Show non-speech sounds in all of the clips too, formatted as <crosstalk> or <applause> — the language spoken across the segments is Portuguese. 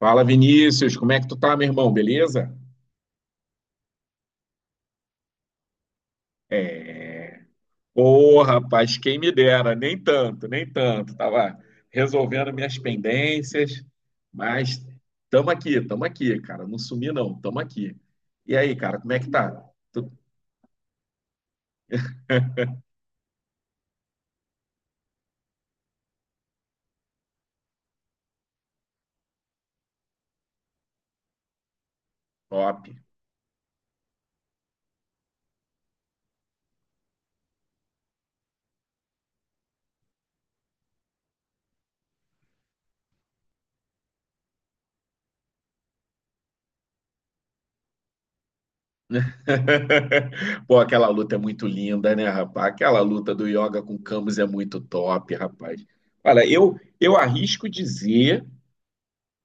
Fala, Vinícius, como é que tu tá, meu irmão? Beleza? É. Ô, rapaz, quem me dera, nem tanto. Tava resolvendo minhas pendências, mas tamo aqui, cara. Não sumi, não, tamo aqui. E aí, cara, como é que tá? Tu- Top. <laughs> Pô, aquela luta é muito linda, né, rapaz? Aquela luta do Yoga com o Camus é muito top, rapaz. Olha, eu arrisco dizer.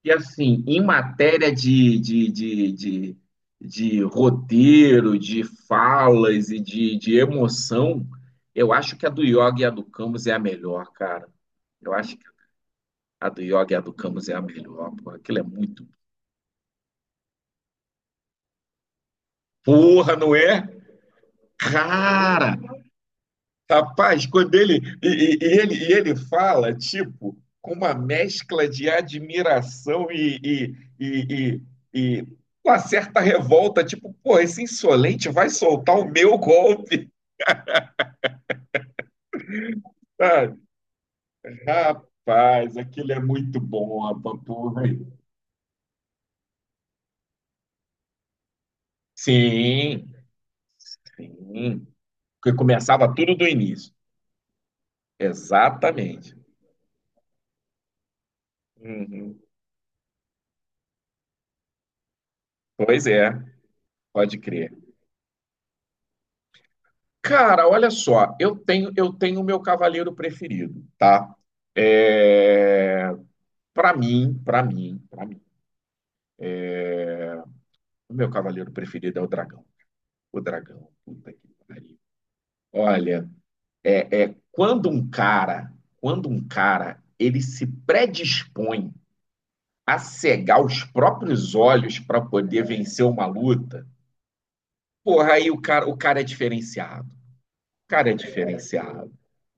E assim, em matéria de roteiro, de falas e de emoção, eu acho que a do Yoga e a do Camus é a melhor, cara. Eu acho que a do Yoga e a do Camus é a melhor, porra. Aquilo é muito. Porra, não é? Cara! Rapaz, quando ele e ele fala tipo com uma mescla de admiração e uma certa revolta, tipo, pô, esse insolente vai soltar o meu golpe, sabe? Rapaz, aquilo é muito bom, rapaz. Porra. Sim, sim. Porque começava tudo do início. Exatamente. Uhum. Pois é, pode crer. Cara, olha só, eu tenho o meu cavaleiro preferido, tá? É... para mim, o meu cavaleiro preferido é o dragão. O dragão, puta que pariu. Olha, é, é quando um cara, ele se predispõe a cegar os próprios olhos para poder vencer uma luta, porra, aí o cara é diferenciado. O cara é diferenciado.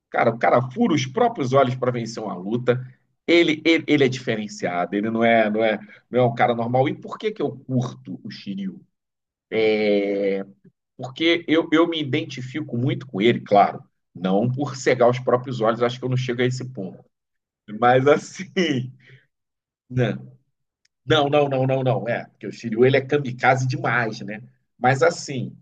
Cara, o cara fura os próprios olhos para vencer uma luta. Ele é diferenciado, ele não é um cara normal. E por que que eu curto o Shiryu? Porque eu me identifico muito com ele, claro. Não por cegar os próprios olhos, acho que eu não chego a esse ponto. Mas assim, <laughs> né? Não. É, porque o Shiryu ele é kamikaze demais, né? Mas assim,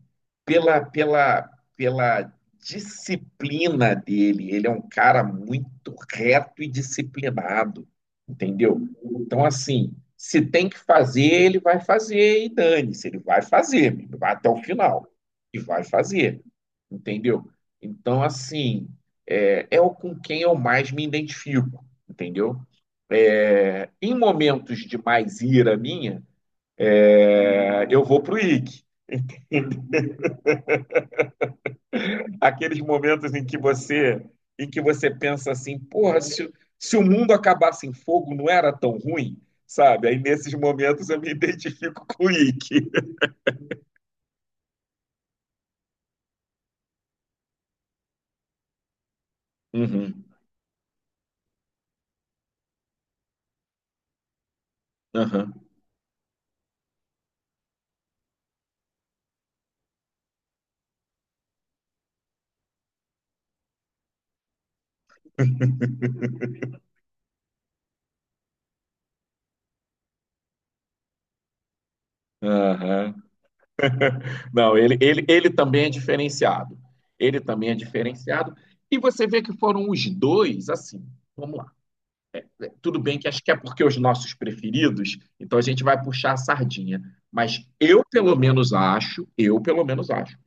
pela, pela, pela disciplina dele, ele é um cara muito reto e disciplinado, entendeu? Então, assim, se tem que fazer, ele vai fazer e dane-se, ele vai fazer, vai até o final e vai fazer, entendeu? Então, assim, é, é o com quem eu mais me identifico, entendeu? É, em momentos de mais ira minha, é, eu vou pro Ike. Aqueles momentos em que você pensa assim, porra, se o mundo acabasse em fogo, não era tão ruim, sabe? Aí nesses momentos eu me <laughs> identifico com o Ike. Uhum, uhum, uhum. Não, ele também é diferenciado. Ele também é diferenciado. E você vê que foram os dois, assim, vamos lá. Tudo bem que acho que é porque os nossos preferidos, então a gente vai puxar a sardinha. Mas eu, pelo menos, acho,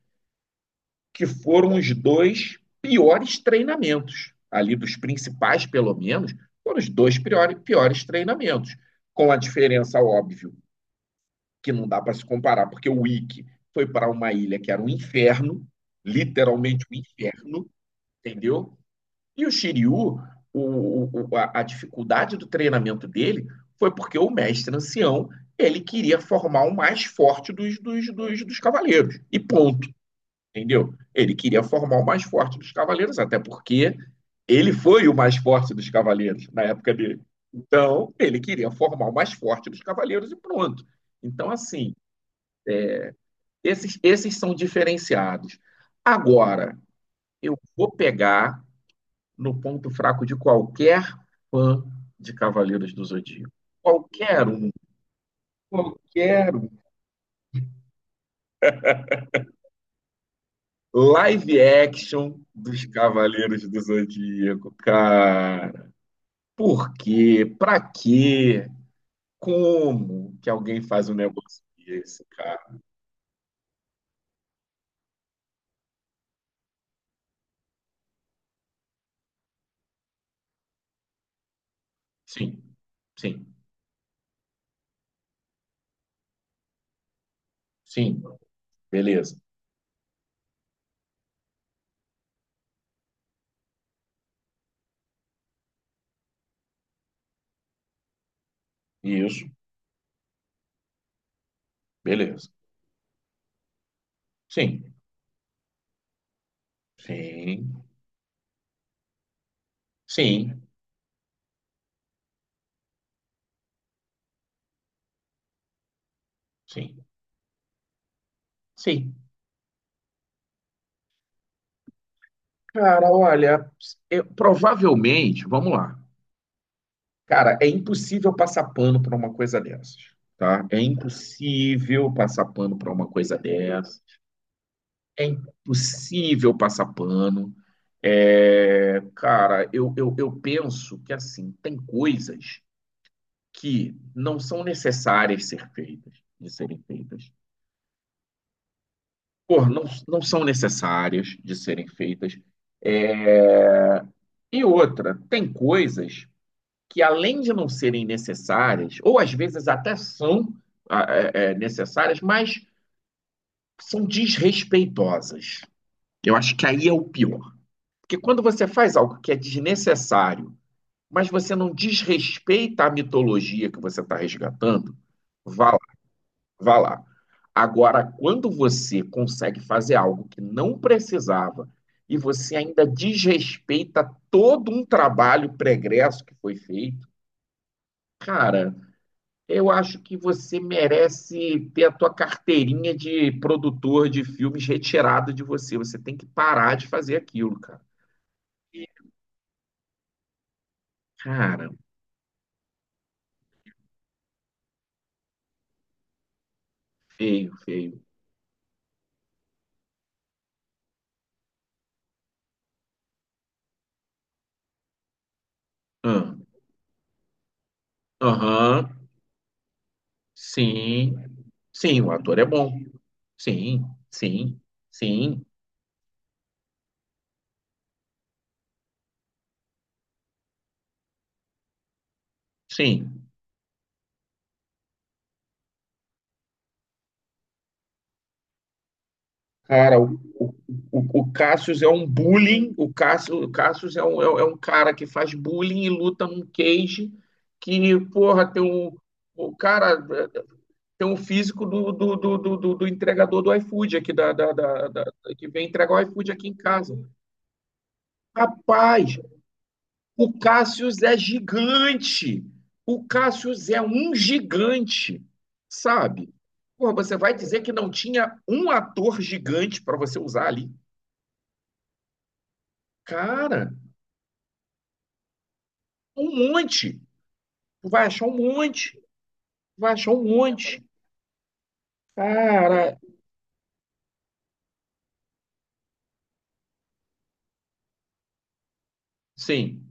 que foram os dois piores treinamentos. Ali dos principais, pelo menos, foram os dois piores treinamentos. Com a diferença, óbvio, que não dá para se comparar, porque o Wiki foi para uma ilha que era um inferno, literalmente um inferno, entendeu? E o Shiryu, a dificuldade do treinamento dele foi porque o mestre ancião, ele queria formar o mais forte dos cavaleiros, e ponto, entendeu? Ele queria formar o mais forte dos cavaleiros, até porque ele foi o mais forte dos cavaleiros na época dele. Então, ele queria formar o mais forte dos cavaleiros e pronto. Então, assim, esses são diferenciados. Agora, eu vou pegar no ponto fraco de qualquer fã de Cavaleiros do Zodíaco. Qualquer um, qualquer um. Live action dos Cavaleiros do Zodíaco, cara. Por quê? Pra quê? Como que alguém faz um negócio desse, cara? Sim, sim, sim. Beleza. Isso, beleza. Sim, sim, sim, sim, sim. Cara, olha, provavelmente, vamos lá. Cara, é impossível passar pano para uma coisa dessas, tá? É impossível passar pano para uma coisa dessas. É impossível passar pano. É, cara, eu penso que, assim, tem coisas que não são necessárias ser feitas, de serem feitas. Por, não, não são necessárias de serem feitas. É. E outra, tem coisas que, além de não serem necessárias, ou às vezes até são ah, é, é, necessárias, mas são desrespeitosas. Eu acho que aí é o pior. Porque quando você faz algo que é desnecessário, mas você não desrespeita a mitologia que você está resgatando, vá lá, vá lá. Agora, quando você consegue fazer algo que não precisava e você ainda desrespeita todo um trabalho pregresso que foi feito, cara, eu acho que você merece ter a tua carteirinha de produtor de filmes retirada de você. Você tem que parar de fazer aquilo, cara. Cara, feio, feio. Ah, aham, sim. Sim, o ator é bom. Sim, sim, sim, sim. Cara, o Cassius é um bullying. O Cassius é um, é, é um cara que faz bullying e luta num cage que, porra, tem um. O cara. Tem um físico do entregador do iFood aqui, da que vem entregar o iFood aqui em casa. Rapaz, o Cassius é gigante. O Cassius é um gigante, sabe? Porra, você vai dizer que não tinha um ator gigante para você usar ali? Cara, um monte. Tu vai achar um monte. Tu vai achar um monte. Cara, sim.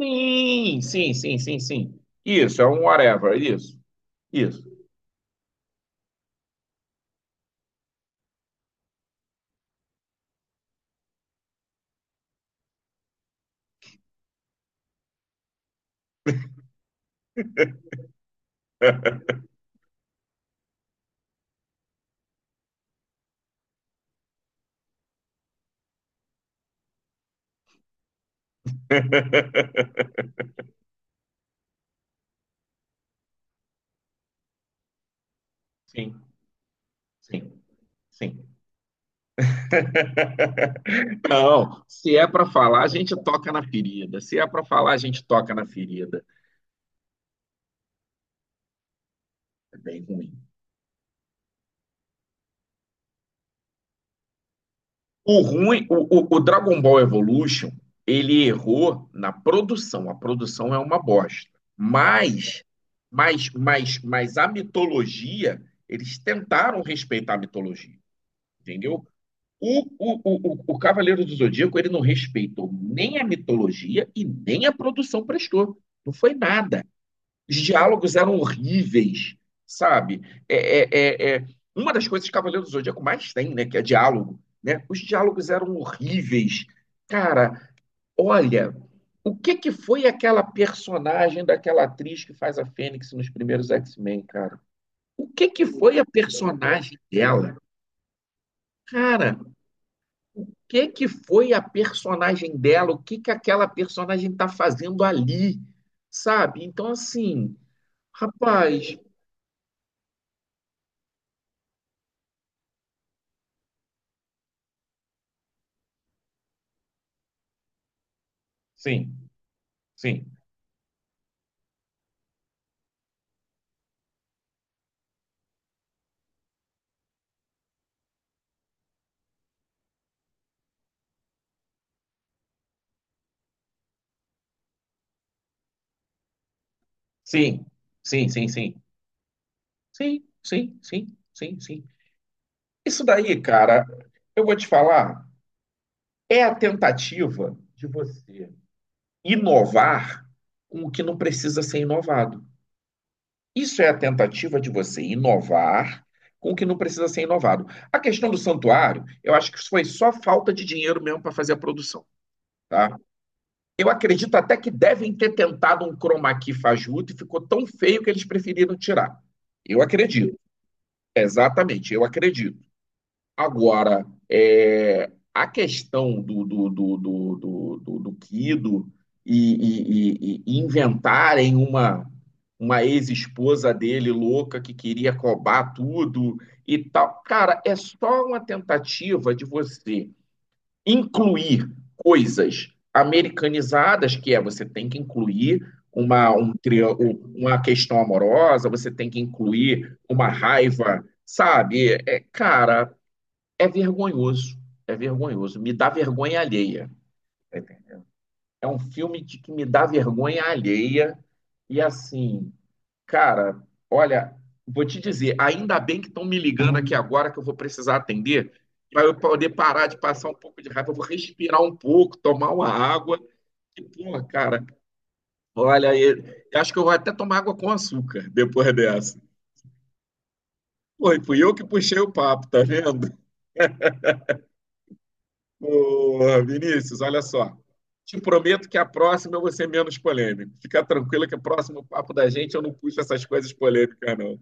Sim, sim, sim, sim, sim. Isso, é um whatever, isso. Isso. <laughs> Sim, sim, sim. <laughs> Não, se é para falar, a gente toca na ferida. Se é para falar, a gente toca na ferida. É bem ruim. O ruim, o Dragon Ball Evolution, ele errou na produção. A produção é uma bosta. Mas, mas a mitologia, eles tentaram respeitar a mitologia, entendeu? O Cavaleiro do Zodíaco, ele não respeitou nem a mitologia e nem a produção prestou. Não foi nada. Os diálogos eram horríveis, sabe? É, é, é, é- Uma das coisas que Cavaleiro do Zodíaco mais tem, né, que é diálogo, né? Os diálogos eram horríveis. Cara, olha, o que que foi aquela personagem daquela atriz que faz a Fênix nos primeiros X-Men, cara? O que que foi a personagem dela? Cara, o que que foi a personagem dela, o que que aquela personagem está fazendo ali, sabe? Então, assim, rapaz, sim, sim, sim, sim, sim, sim, sim, sim, sim, sim, sim. Isso daí, cara, eu vou te falar, é a tentativa de você inovar com o que não precisa ser inovado. Isso é a tentativa de você inovar com o que não precisa ser inovado. A questão do santuário, eu acho que foi só falta de dinheiro mesmo para fazer a produção, tá? Eu acredito até que devem ter tentado um chroma key fajuto e ficou tão feio que eles preferiram tirar. Eu acredito, exatamente, eu acredito. Agora, é, a questão do Kido e, e inventarem uma ex-esposa dele louca que queria cobrar tudo e tal. Cara, é só uma tentativa de você incluir coisas americanizadas, que é você tem que incluir uma, um, uma questão amorosa, você tem que incluir uma raiva, sabe? É, cara, é vergonhoso, é vergonhoso, me dá vergonha alheia. É um filme de que me dá vergonha alheia e assim, cara, olha, vou te dizer, ainda bem que estão me ligando aqui agora que eu vou precisar atender, para eu poder parar de passar um pouco de raiva, eu vou respirar um pouco, tomar uma água. E, pô, cara, olha, eu acho que eu vou até tomar água com açúcar depois dessa. Pô, e fui eu que puxei o papo, tá vendo? Ô, Vinícius, olha só. Te prometo que a próxima eu vou ser menos polêmico. Fica tranquilo que o próximo papo da gente eu não puxo essas coisas polêmicas, não.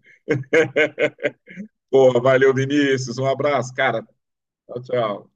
Pô, valeu, Vinícius. Um abraço, cara. Tchau, tchau.